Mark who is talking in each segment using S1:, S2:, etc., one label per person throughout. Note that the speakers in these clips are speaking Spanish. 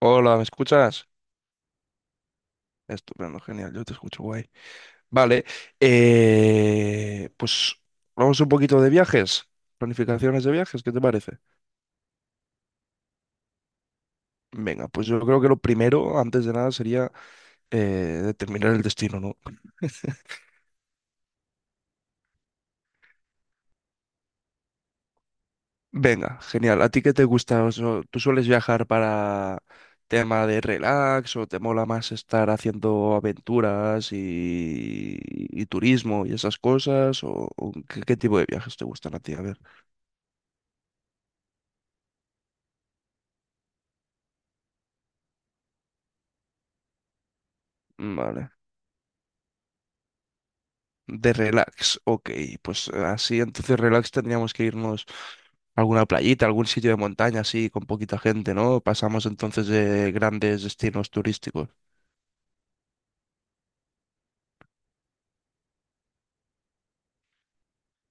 S1: Hola, ¿me escuchas? Estupendo, genial, yo te escucho guay. Vale, pues vamos un poquito de viajes, planificaciones de viajes, ¿qué te parece? Venga, pues yo creo que lo primero, antes de nada, sería eh, determinar el destino, ¿no? Venga, genial, ¿a ti qué te gusta? O sea, ¿tú sueles viajar para tema de relax o te mola más estar haciendo aventuras y turismo y esas cosas? O qué, qué tipo de viajes te gustan a ti? A ver, vale. De relax, ok, pues así entonces relax tendríamos que irnos a alguna playita, algún sitio de montaña así con poquita gente, ¿no? Pasamos entonces de grandes destinos turísticos.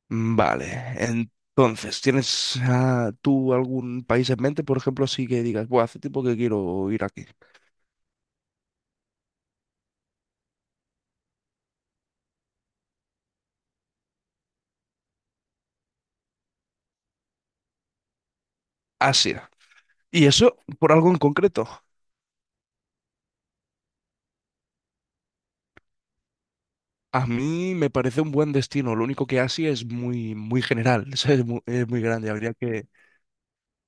S1: Vale, entonces, ¿tienes tú algún país en mente, por ejemplo, así que digas, bueno, hace tiempo que quiero ir aquí? Asia. ¿Y eso por algo en concreto? A mí me parece un buen destino, lo único que Asia es muy, muy general, es muy grande, habría que...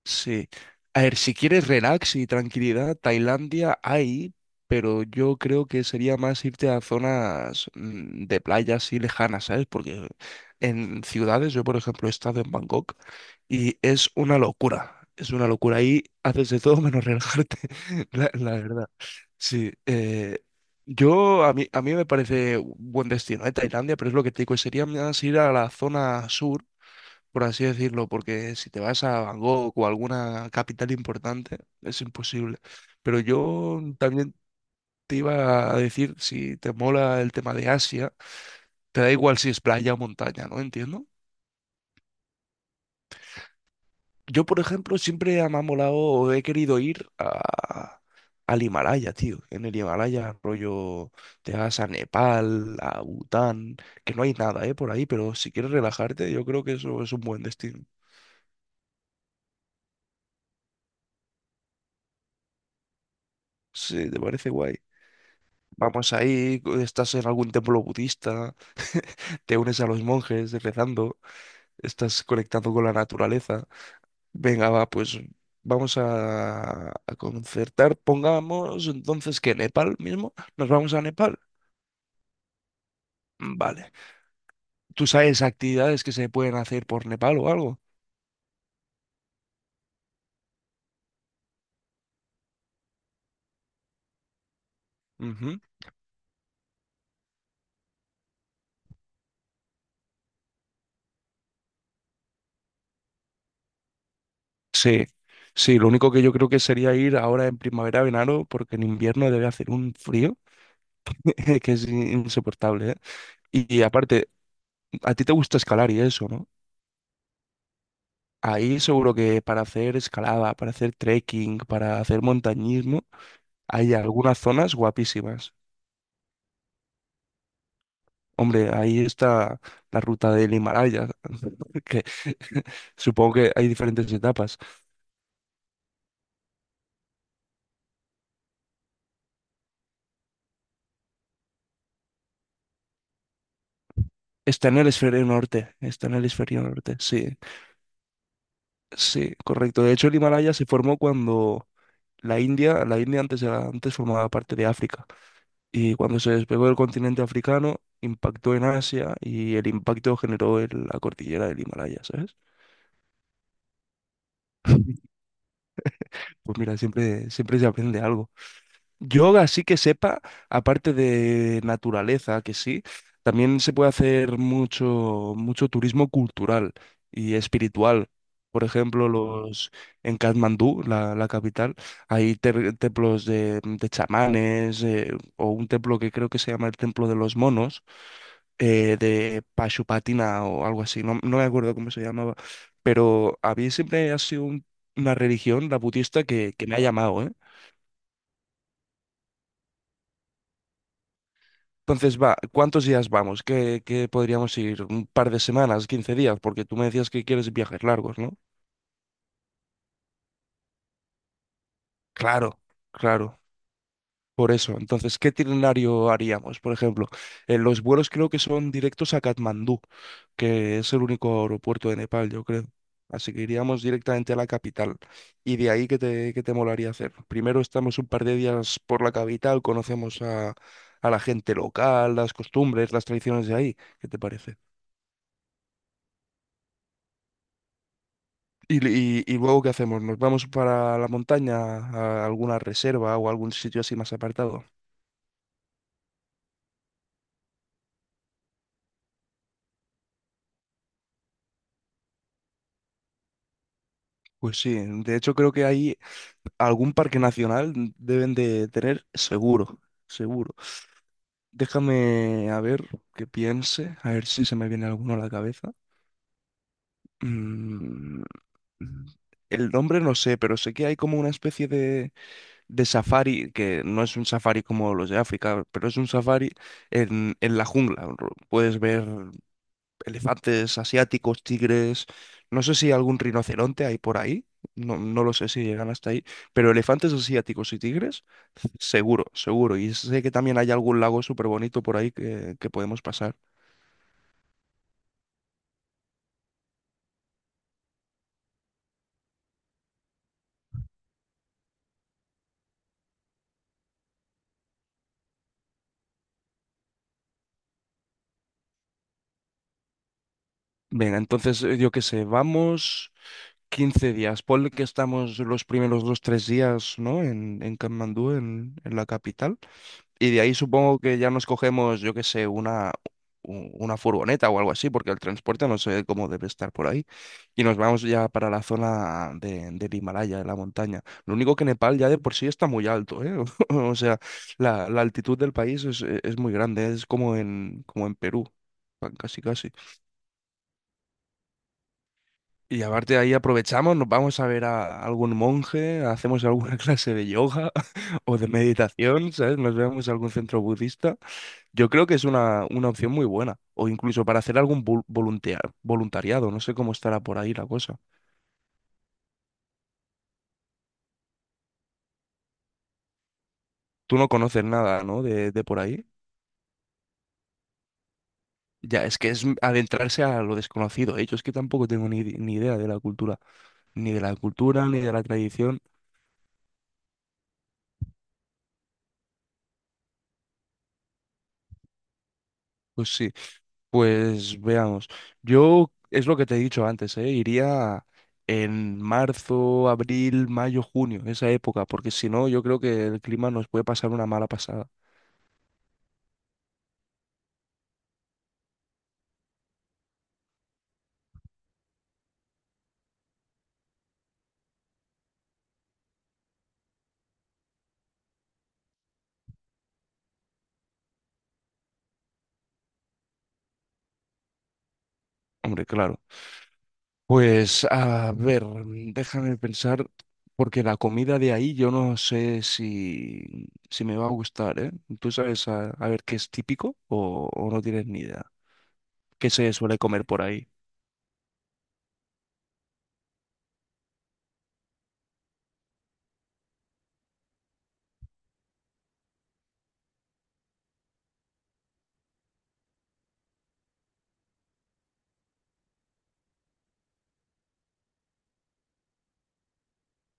S1: Sí. A ver, si quieres relax y tranquilidad, Tailandia hay, pero yo creo que sería más irte a zonas de playas así lejanas, ¿sabes? Porque en ciudades, yo por ejemplo he estado en Bangkok y es una locura. Es una locura. Ahí haces de todo menos relajarte, la verdad. Sí. Yo, a mí me parece un buen destino, ¿eh? Tailandia, pero es lo que te digo, sería más ir a la zona sur por así decirlo, porque si te vas a Bangkok o alguna capital importante, es imposible. Pero yo también te iba a decir, si te mola el tema de Asia, te da igual si es playa o montaña, ¿no? Entiendo. Yo, por ejemplo, siempre me ha molado o he querido ir a, al Himalaya, tío. En el Himalaya, rollo, te vas a Nepal, a Bután, que no hay nada, ¿eh? Por ahí, pero si quieres relajarte, yo creo que eso es un buen destino. Sí, ¿te parece guay? Vamos ahí, estás en algún templo budista, te unes a los monjes rezando, estás conectando con la naturaleza. Venga, va, pues a concertar. Pongamos entonces que Nepal mismo, nos vamos a Nepal. Vale. ¿Tú sabes actividades que se pueden hacer por Nepal o algo? Ujú. Sí, sí, lo único que yo creo que sería ir ahora en primavera, verano, porque en invierno debe hacer un frío que es insoportable, ¿eh? Y aparte, a ti te gusta escalar y eso, ¿no? Ahí seguro que para hacer escalada, para hacer trekking, para hacer montañismo, hay algunas zonas guapísimas. Hombre, ahí está la ruta del Himalaya, que supongo que hay diferentes etapas. Está en el hemisferio norte, está en el hemisferio norte, sí, sí, correcto. De hecho, el Himalaya se formó cuando la India antes formaba parte de África y cuando se despegó del continente africano, impactó en Asia y el impacto generó la cordillera del Himalaya, ¿sabes? Pues mira, siempre, siempre se aprende algo. Yoga así que sepa, aparte de naturaleza, que sí, también se puede hacer mucho, mucho turismo cultural y espiritual. Por ejemplo, los en Katmandú, la capital, hay templos de chamanes, o un templo que creo que se llama el Templo de los Monos, de Pashupatina o algo así, no, no me acuerdo cómo se llamaba, pero a mí siempre ha sido una religión, la budista, que me ha llamado, ¿eh? Entonces, va, ¿cuántos días vamos? ¿Qué, qué podríamos ir? ¿Un par de semanas? ¿15 días? Porque tú me decías que quieres viajes largos, ¿no? Claro, claro. Por eso, entonces, ¿qué itinerario haríamos? Por ejemplo, los vuelos creo que son directos a Katmandú, que es el único aeropuerto de Nepal, yo creo. Así que iríamos directamente a la capital. Y de ahí, qué te molaría hacer? Primero estamos un par de días por la capital, conocemos a la gente local, las costumbres, las tradiciones de ahí. ¿Qué te parece? Y luego, ¿qué hacemos? ¿Nos vamos para la montaña, a alguna reserva o algún sitio así más apartado? Pues sí, de hecho creo que ahí algún parque nacional deben de tener seguro, seguro. Déjame a ver qué piense, a ver si se me viene alguno a la cabeza. Mm, el nombre no sé, pero sé que hay como una especie de safari, que no es un safari como los de África, pero es un safari en la jungla. Puedes ver elefantes asiáticos, tigres, no sé si algún rinoceronte hay por ahí, no, no lo sé si llegan hasta ahí, pero elefantes asiáticos y tigres, seguro, seguro. Y sé que también hay algún lago súper bonito por ahí que podemos pasar. Venga, entonces yo qué sé, vamos 15 días, ponle que estamos los primeros dos, tres días, ¿no? En Katmandú, en la capital. Y de ahí supongo que ya nos cogemos, yo qué sé, una furgoneta o algo así, porque el transporte no sé cómo debe estar por ahí. Y nos vamos ya para la zona de, del Himalaya, de la montaña. Lo único que Nepal ya de por sí está muy alto, ¿eh? O sea, la altitud del país es, e, es muy grande, es como en, como en Perú, casi casi. Y aparte de ahí aprovechamos, nos vamos a ver a algún monje, hacemos alguna clase de yoga o de meditación, ¿sabes? Nos vemos a algún centro budista. Yo creo que es una opción muy buena. O incluso para hacer algún voluntariado. No sé cómo estará por ahí la cosa. Tú no conoces nada, ¿no? De por ahí. Ya, es que es adentrarse a lo desconocido, ¿eh? Yo es que tampoco tengo ni, ni idea de la cultura. Ni de la cultura, ni de la tradición. Pues sí, pues veamos. Yo, es lo que te he dicho antes, ¿eh? Iría en marzo, abril, mayo, junio, esa época. Porque si no, yo creo que el clima nos puede pasar una mala pasada. Hombre, claro. Pues a ver, déjame pensar, porque la comida de ahí yo no sé si, si me va a gustar, ¿eh? ¿Tú sabes a ver qué es típico o no tienes ni idea? ¿Qué se suele comer por ahí?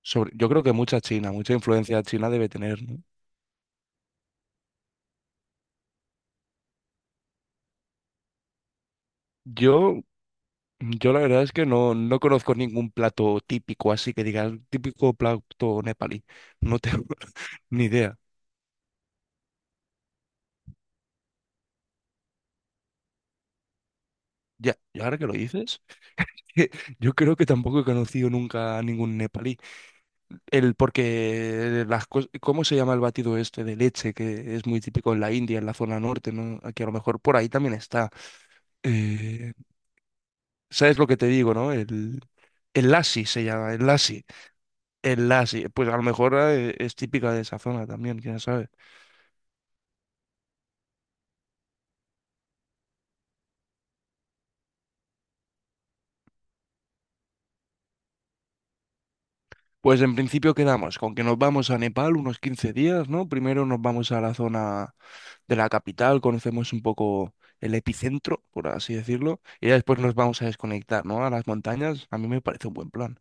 S1: Sobre, yo creo que mucha China, mucha influencia china debe tener, ¿no? Yo, yo la verdad es que no, no conozco ningún plato típico, así que digas, típico plato nepalí. No tengo ni idea. Ya, y ahora que lo dices, yo creo que tampoco he conocido nunca a ningún nepalí. El, porque las ¿cómo se llama el batido este de leche que es muy típico en la India, en la zona norte, ¿no? Aquí a lo mejor por ahí también está. Eh, ¿Sabes lo que te digo, no? El lassi se llama, el lassi. El lassi, pues a lo mejor es típica de esa zona también, quién sabe. Pues en principio quedamos con que nos vamos a Nepal unos 15 días, ¿no? Primero nos vamos a la zona de la capital, conocemos un poco el epicentro, por así decirlo, y ya después nos vamos a desconectar, ¿no? A las montañas, a mí me parece un buen plan.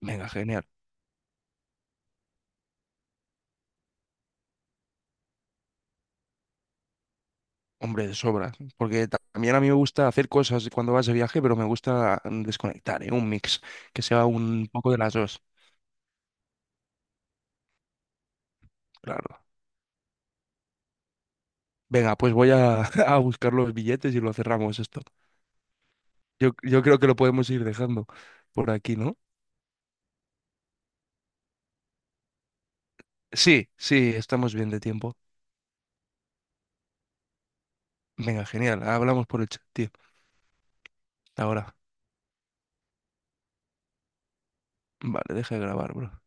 S1: Venga, genial. Hombre, de sobra. Porque también a mí me gusta hacer cosas cuando vas de viaje, pero me gusta desconectar, ¿eh? Un mix, que sea un poco de las dos, claro. Venga, pues a buscar los billetes y lo cerramos esto. Yo creo que lo podemos ir dejando por aquí, ¿no? Sí, sí, estamos bien de tiempo. Venga, genial. Hablamos por el chat, tío. Ahora. Vale, deja de grabar, bro.